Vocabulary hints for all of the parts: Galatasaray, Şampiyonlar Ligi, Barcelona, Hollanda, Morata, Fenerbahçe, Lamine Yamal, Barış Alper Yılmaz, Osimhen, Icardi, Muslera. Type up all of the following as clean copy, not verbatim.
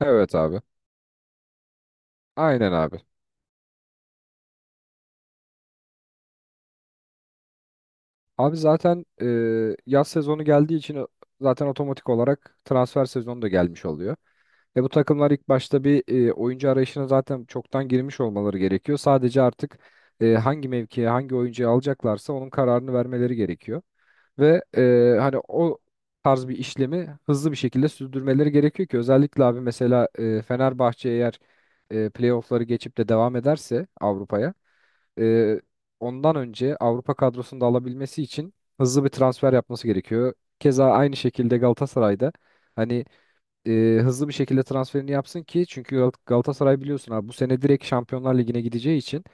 Evet abi. Aynen abi. Abi zaten yaz sezonu geldiği için zaten otomatik olarak transfer sezonu da gelmiş oluyor. Ve bu takımlar ilk başta bir oyuncu arayışına zaten çoktan girmiş olmaları gerekiyor. Sadece artık hangi mevkiye, hangi oyuncuyu alacaklarsa onun kararını vermeleri gerekiyor. Ve hani o tarz bir işlemi hızlı bir şekilde sürdürmeleri gerekiyor ki özellikle abi mesela Fenerbahçe eğer playoff'ları geçip de devam ederse Avrupa'ya, e, ondan önce Avrupa kadrosunu da alabilmesi için hızlı bir transfer yapması gerekiyor. Keza aynı şekilde Galatasaray'da hani hızlı bir şekilde transferini yapsın ki çünkü Galatasaray biliyorsun abi bu sene direkt Şampiyonlar Ligi'ne gideceği için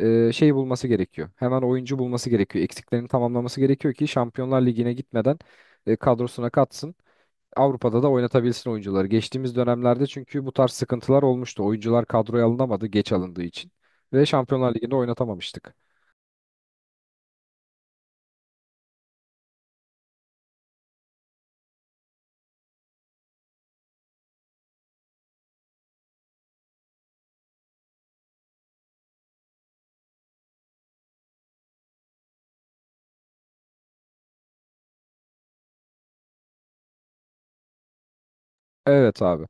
şey bulması gerekiyor. Hemen oyuncu bulması gerekiyor. Eksiklerini tamamlaması gerekiyor ki Şampiyonlar Ligi'ne gitmeden kadrosuna katsın. Avrupa'da da oynatabilsin oyuncuları. Geçtiğimiz dönemlerde çünkü bu tarz sıkıntılar olmuştu. Oyuncular kadroya alınamadı geç alındığı için ve Şampiyonlar Ligi'nde oynatamamıştık. Evet abi.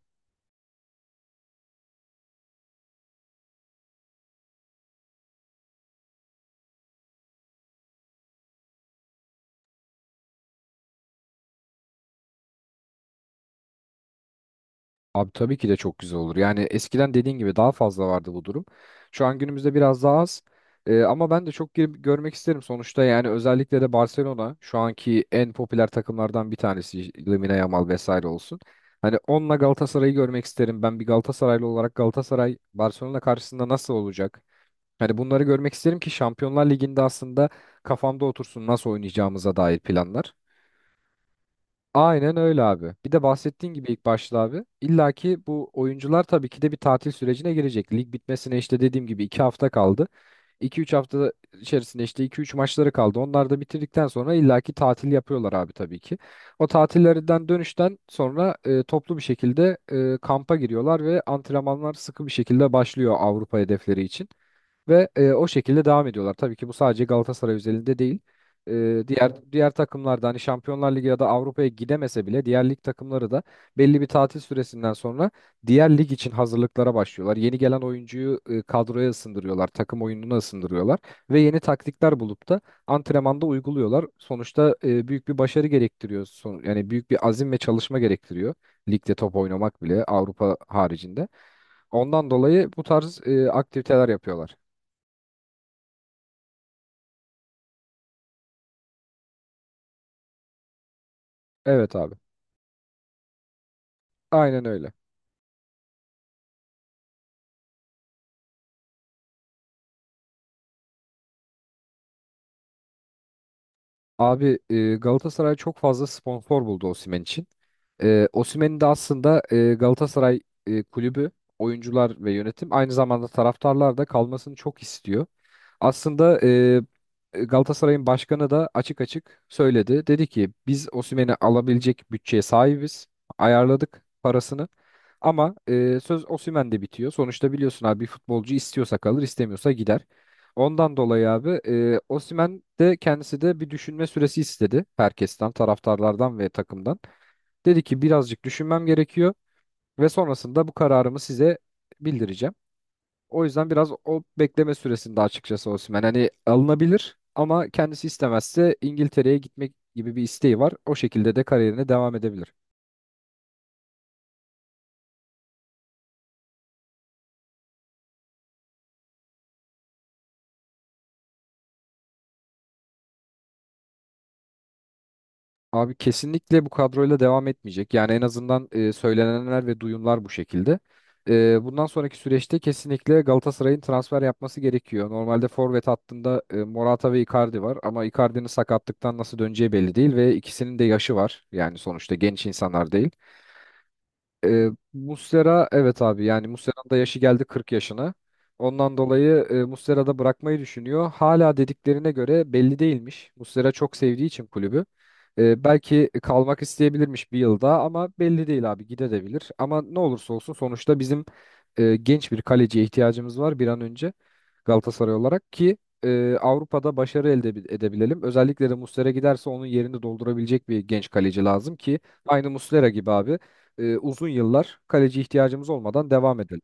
Abi tabii ki de çok güzel olur. Yani eskiden dediğin gibi daha fazla vardı bu durum. Şu an günümüzde biraz daha az. Ama ben de çok girip görmek isterim sonuçta. Yani özellikle de Barcelona şu anki en popüler takımlardan bir tanesi, Lamine Yamal vesaire olsun. Hani onunla Galatasaray'ı görmek isterim. Ben bir Galatasaraylı olarak Galatasaray Barcelona karşısında nasıl olacak? Hani bunları görmek isterim ki Şampiyonlar Ligi'nde aslında kafamda otursun nasıl oynayacağımıza dair planlar. Aynen öyle abi. Bir de bahsettiğin gibi ilk başta abi. İlla ki bu oyuncular tabii ki de bir tatil sürecine girecek. Lig bitmesine işte dediğim gibi 2 hafta kaldı. 2 üç hafta içerisinde işte iki üç maçları kaldı. Onlar da bitirdikten sonra illa ki tatil yapıyorlar abi tabii ki. O tatillerinden dönüşten sonra toplu bir şekilde kampa giriyorlar ve antrenmanlar sıkı bir şekilde başlıyor Avrupa hedefleri için. Ve o şekilde devam ediyorlar. Tabii ki bu sadece Galatasaray özelinde değil. E, diğer takımlarda hani Şampiyonlar Ligi ya da Avrupa'ya gidemese bile diğer lig takımları da belli bir tatil süresinden sonra diğer lig için hazırlıklara başlıyorlar. Yeni gelen oyuncuyu kadroya ısındırıyorlar, takım oyununa ısındırıyorlar ve yeni taktikler bulup da antrenmanda uyguluyorlar. Sonuçta büyük bir başarı gerektiriyor. Yani büyük bir azim ve çalışma gerektiriyor. Ligde top oynamak bile Avrupa haricinde. Ondan dolayı bu tarz aktiviteler yapıyorlar. Evet abi. Aynen öyle. Abi Galatasaray çok fazla sponsor buldu Osimhen için. Osimhen'i de aslında Galatasaray kulübü, oyuncular ve yönetim, aynı zamanda taraftarlar da kalmasını çok istiyor. Aslında Galatasaray'ın başkanı da açık açık söyledi. Dedi ki biz Osimhen'i alabilecek bütçeye sahibiz. Ayarladık parasını. Ama söz Osimhen'de bitiyor. Sonuçta biliyorsun abi bir futbolcu istiyorsa kalır, istemiyorsa gider. Ondan dolayı abi Osimhen de kendisi de bir düşünme süresi istedi herkesten, taraftarlardan ve takımdan. Dedi ki birazcık düşünmem gerekiyor ve sonrasında bu kararımı size bildireceğim. O yüzden biraz o bekleme süresinde açıkçası Osimhen hani alınabilir ama kendisi istemezse İngiltere'ye gitmek gibi bir isteği var. O şekilde de kariyerine devam edebilir. Abi kesinlikle bu kadroyla devam etmeyecek. Yani en azından söylenenler ve duyumlar bu şekilde. Bundan sonraki süreçte kesinlikle Galatasaray'ın transfer yapması gerekiyor. Normalde forvet hattında Morata ve Icardi var ama Icardi'nin sakatlıktan nasıl döneceği belli değil ve ikisinin de yaşı var. Yani sonuçta genç insanlar değil. Muslera, evet abi, yani Muslera'nın da yaşı geldi, 40 yaşına. Ondan dolayı Muslera da bırakmayı düşünüyor. Hala dediklerine göre belli değilmiş. Muslera çok sevdiği için kulübü. Belki kalmak isteyebilirmiş bir yılda ama belli değil abi, gidebilir. Ama ne olursa olsun sonuçta bizim genç bir kaleciye ihtiyacımız var bir an önce Galatasaray olarak ki Avrupa'da başarı edebilelim. Özellikle de Muslera giderse onun yerini doldurabilecek bir genç kaleci lazım ki aynı Muslera gibi abi uzun yıllar kaleci ihtiyacımız olmadan devam edelim.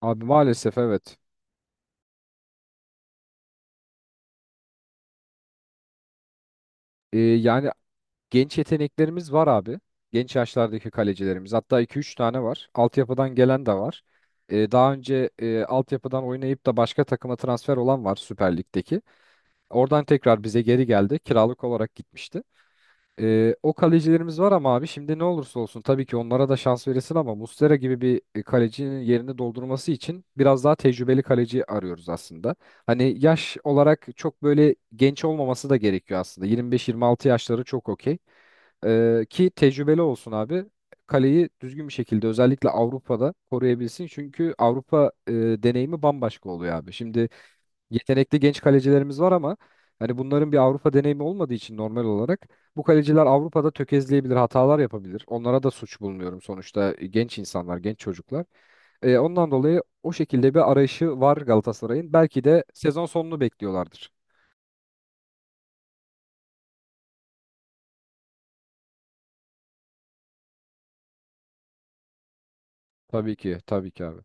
Abi maalesef evet. Yani genç yeteneklerimiz var abi. Genç yaşlardaki kalecilerimiz. Hatta iki üç tane var. Altyapıdan gelen de var. Daha önce altyapıdan oynayıp da başka takıma transfer olan var, Süper Lig'deki. Oradan tekrar bize geri geldi. Kiralık olarak gitmişti. O kalecilerimiz var ama abi şimdi ne olursa olsun tabii ki onlara da şans verilsin ama Muslera gibi bir kalecinin yerini doldurması için biraz daha tecrübeli kaleci arıyoruz aslında. Hani yaş olarak çok böyle genç olmaması da gerekiyor aslında. Yirmi beş yirmi altı yaşları çok okey. Ki tecrübeli olsun abi. Kaleyi düzgün bir şekilde özellikle Avrupa'da koruyabilsin. Çünkü Avrupa deneyimi bambaşka oluyor abi. Şimdi yetenekli genç kalecilerimiz var ama hani bunların bir Avrupa deneyimi olmadığı için normal olarak bu kaleciler Avrupa'da tökezleyebilir, hatalar yapabilir. Onlara da suç bulmuyorum, sonuçta genç insanlar, genç çocuklar. Ondan dolayı o şekilde bir arayışı var Galatasaray'ın. Belki de sezon sonunu bekliyorlardır. Tabii ki abi.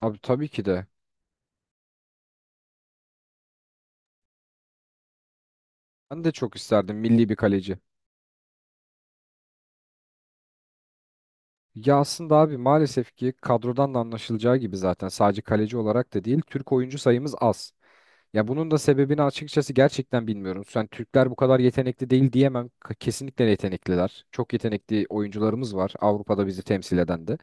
Abi tabii ki de. Ben de çok isterdim milli bir kaleci. Ya aslında abi maalesef ki kadrodan da anlaşılacağı gibi zaten sadece kaleci olarak da değil, Türk oyuncu sayımız az. Ya bunun da sebebini açıkçası gerçekten bilmiyorum. Sen Türkler bu kadar yetenekli değil diyemem. Kesinlikle yetenekliler. Çok yetenekli oyuncularımız var Avrupa'da bizi temsil eden de.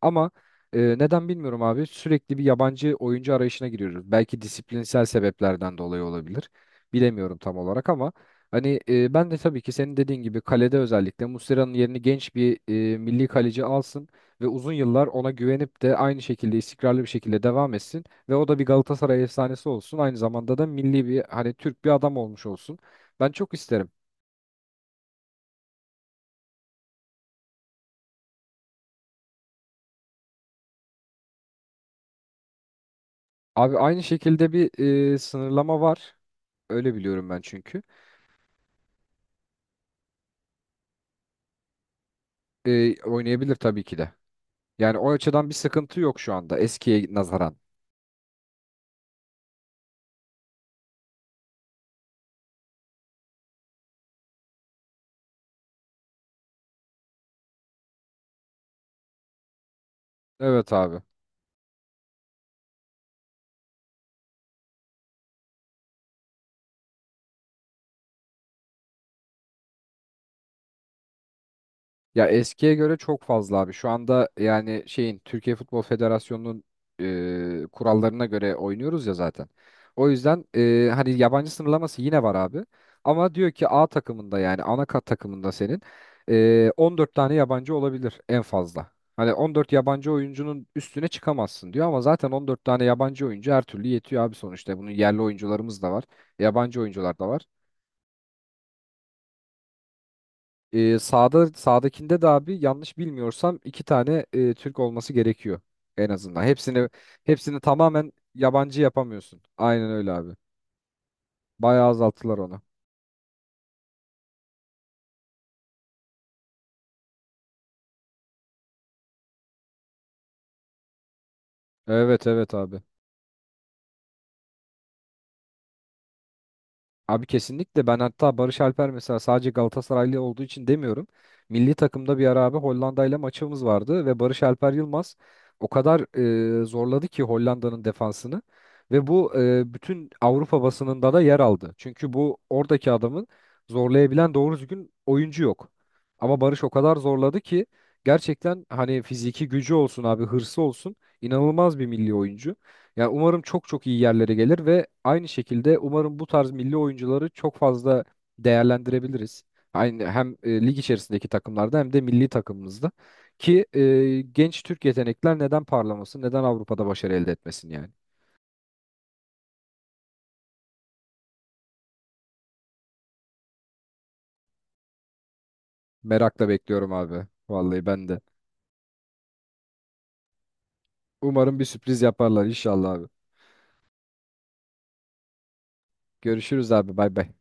Ama neden bilmiyorum abi, sürekli bir yabancı oyuncu arayışına giriyoruz. Belki disiplinsel sebeplerden dolayı olabilir. Bilemiyorum tam olarak ama hani ben de tabii ki senin dediğin gibi kalede özellikle Muslera'nın yerini genç bir milli kaleci alsın ve uzun yıllar ona güvenip de aynı şekilde istikrarlı bir şekilde devam etsin ve o da bir Galatasaray efsanesi olsun. Aynı zamanda da milli bir, hani Türk bir adam olmuş olsun. Ben çok isterim. Abi aynı şekilde bir sınırlama var. Öyle biliyorum ben çünkü. Oynayabilir tabii ki de. Yani o açıdan bir sıkıntı yok şu anda eskiye nazaran. Evet abi. Ya eskiye göre çok fazla abi. Şu anda yani şeyin Türkiye Futbol Federasyonu'nun kurallarına göre oynuyoruz ya zaten. O yüzden hani yabancı sınırlaması yine var abi. Ama diyor ki A takımında yani ana kat takımında senin 14 tane yabancı olabilir en fazla. Hani 14 yabancı oyuncunun üstüne çıkamazsın diyor ama zaten 14 tane yabancı oyuncu her türlü yetiyor abi sonuçta. Bunun yerli oyuncularımız da var, yabancı oyuncular da var. Sağdakinde de abi yanlış bilmiyorsam iki tane Türk olması gerekiyor en azından. Hepsini tamamen yabancı yapamıyorsun. Aynen öyle abi. Bayağı azalttılar onu. Evet evet abi. Abi kesinlikle, ben hatta Barış Alper mesela sadece Galatasaraylı olduğu için demiyorum. Milli takımda bir ara abi Hollanda ile maçımız vardı ve Barış Alper Yılmaz o kadar zorladı ki Hollanda'nın defansını, ve bu bütün Avrupa basınında da yer aldı. Çünkü bu oradaki adamın zorlayabilen doğru düzgün oyuncu yok. Ama Barış o kadar zorladı ki gerçekten hani fiziki gücü olsun abi, hırsı olsun, inanılmaz bir milli oyuncu. Yani umarım çok çok iyi yerlere gelir ve aynı şekilde umarım bu tarz milli oyuncuları çok fazla değerlendirebiliriz. Aynı hem lig içerisindeki takımlarda hem de milli takımımızda ki genç Türk yetenekler neden parlamasın, neden Avrupa'da başarı elde etmesin yani. Merakla bekliyorum abi. Vallahi ben de. Umarım bir sürpriz yaparlar inşallah abi. Görüşürüz abi. Bay bay.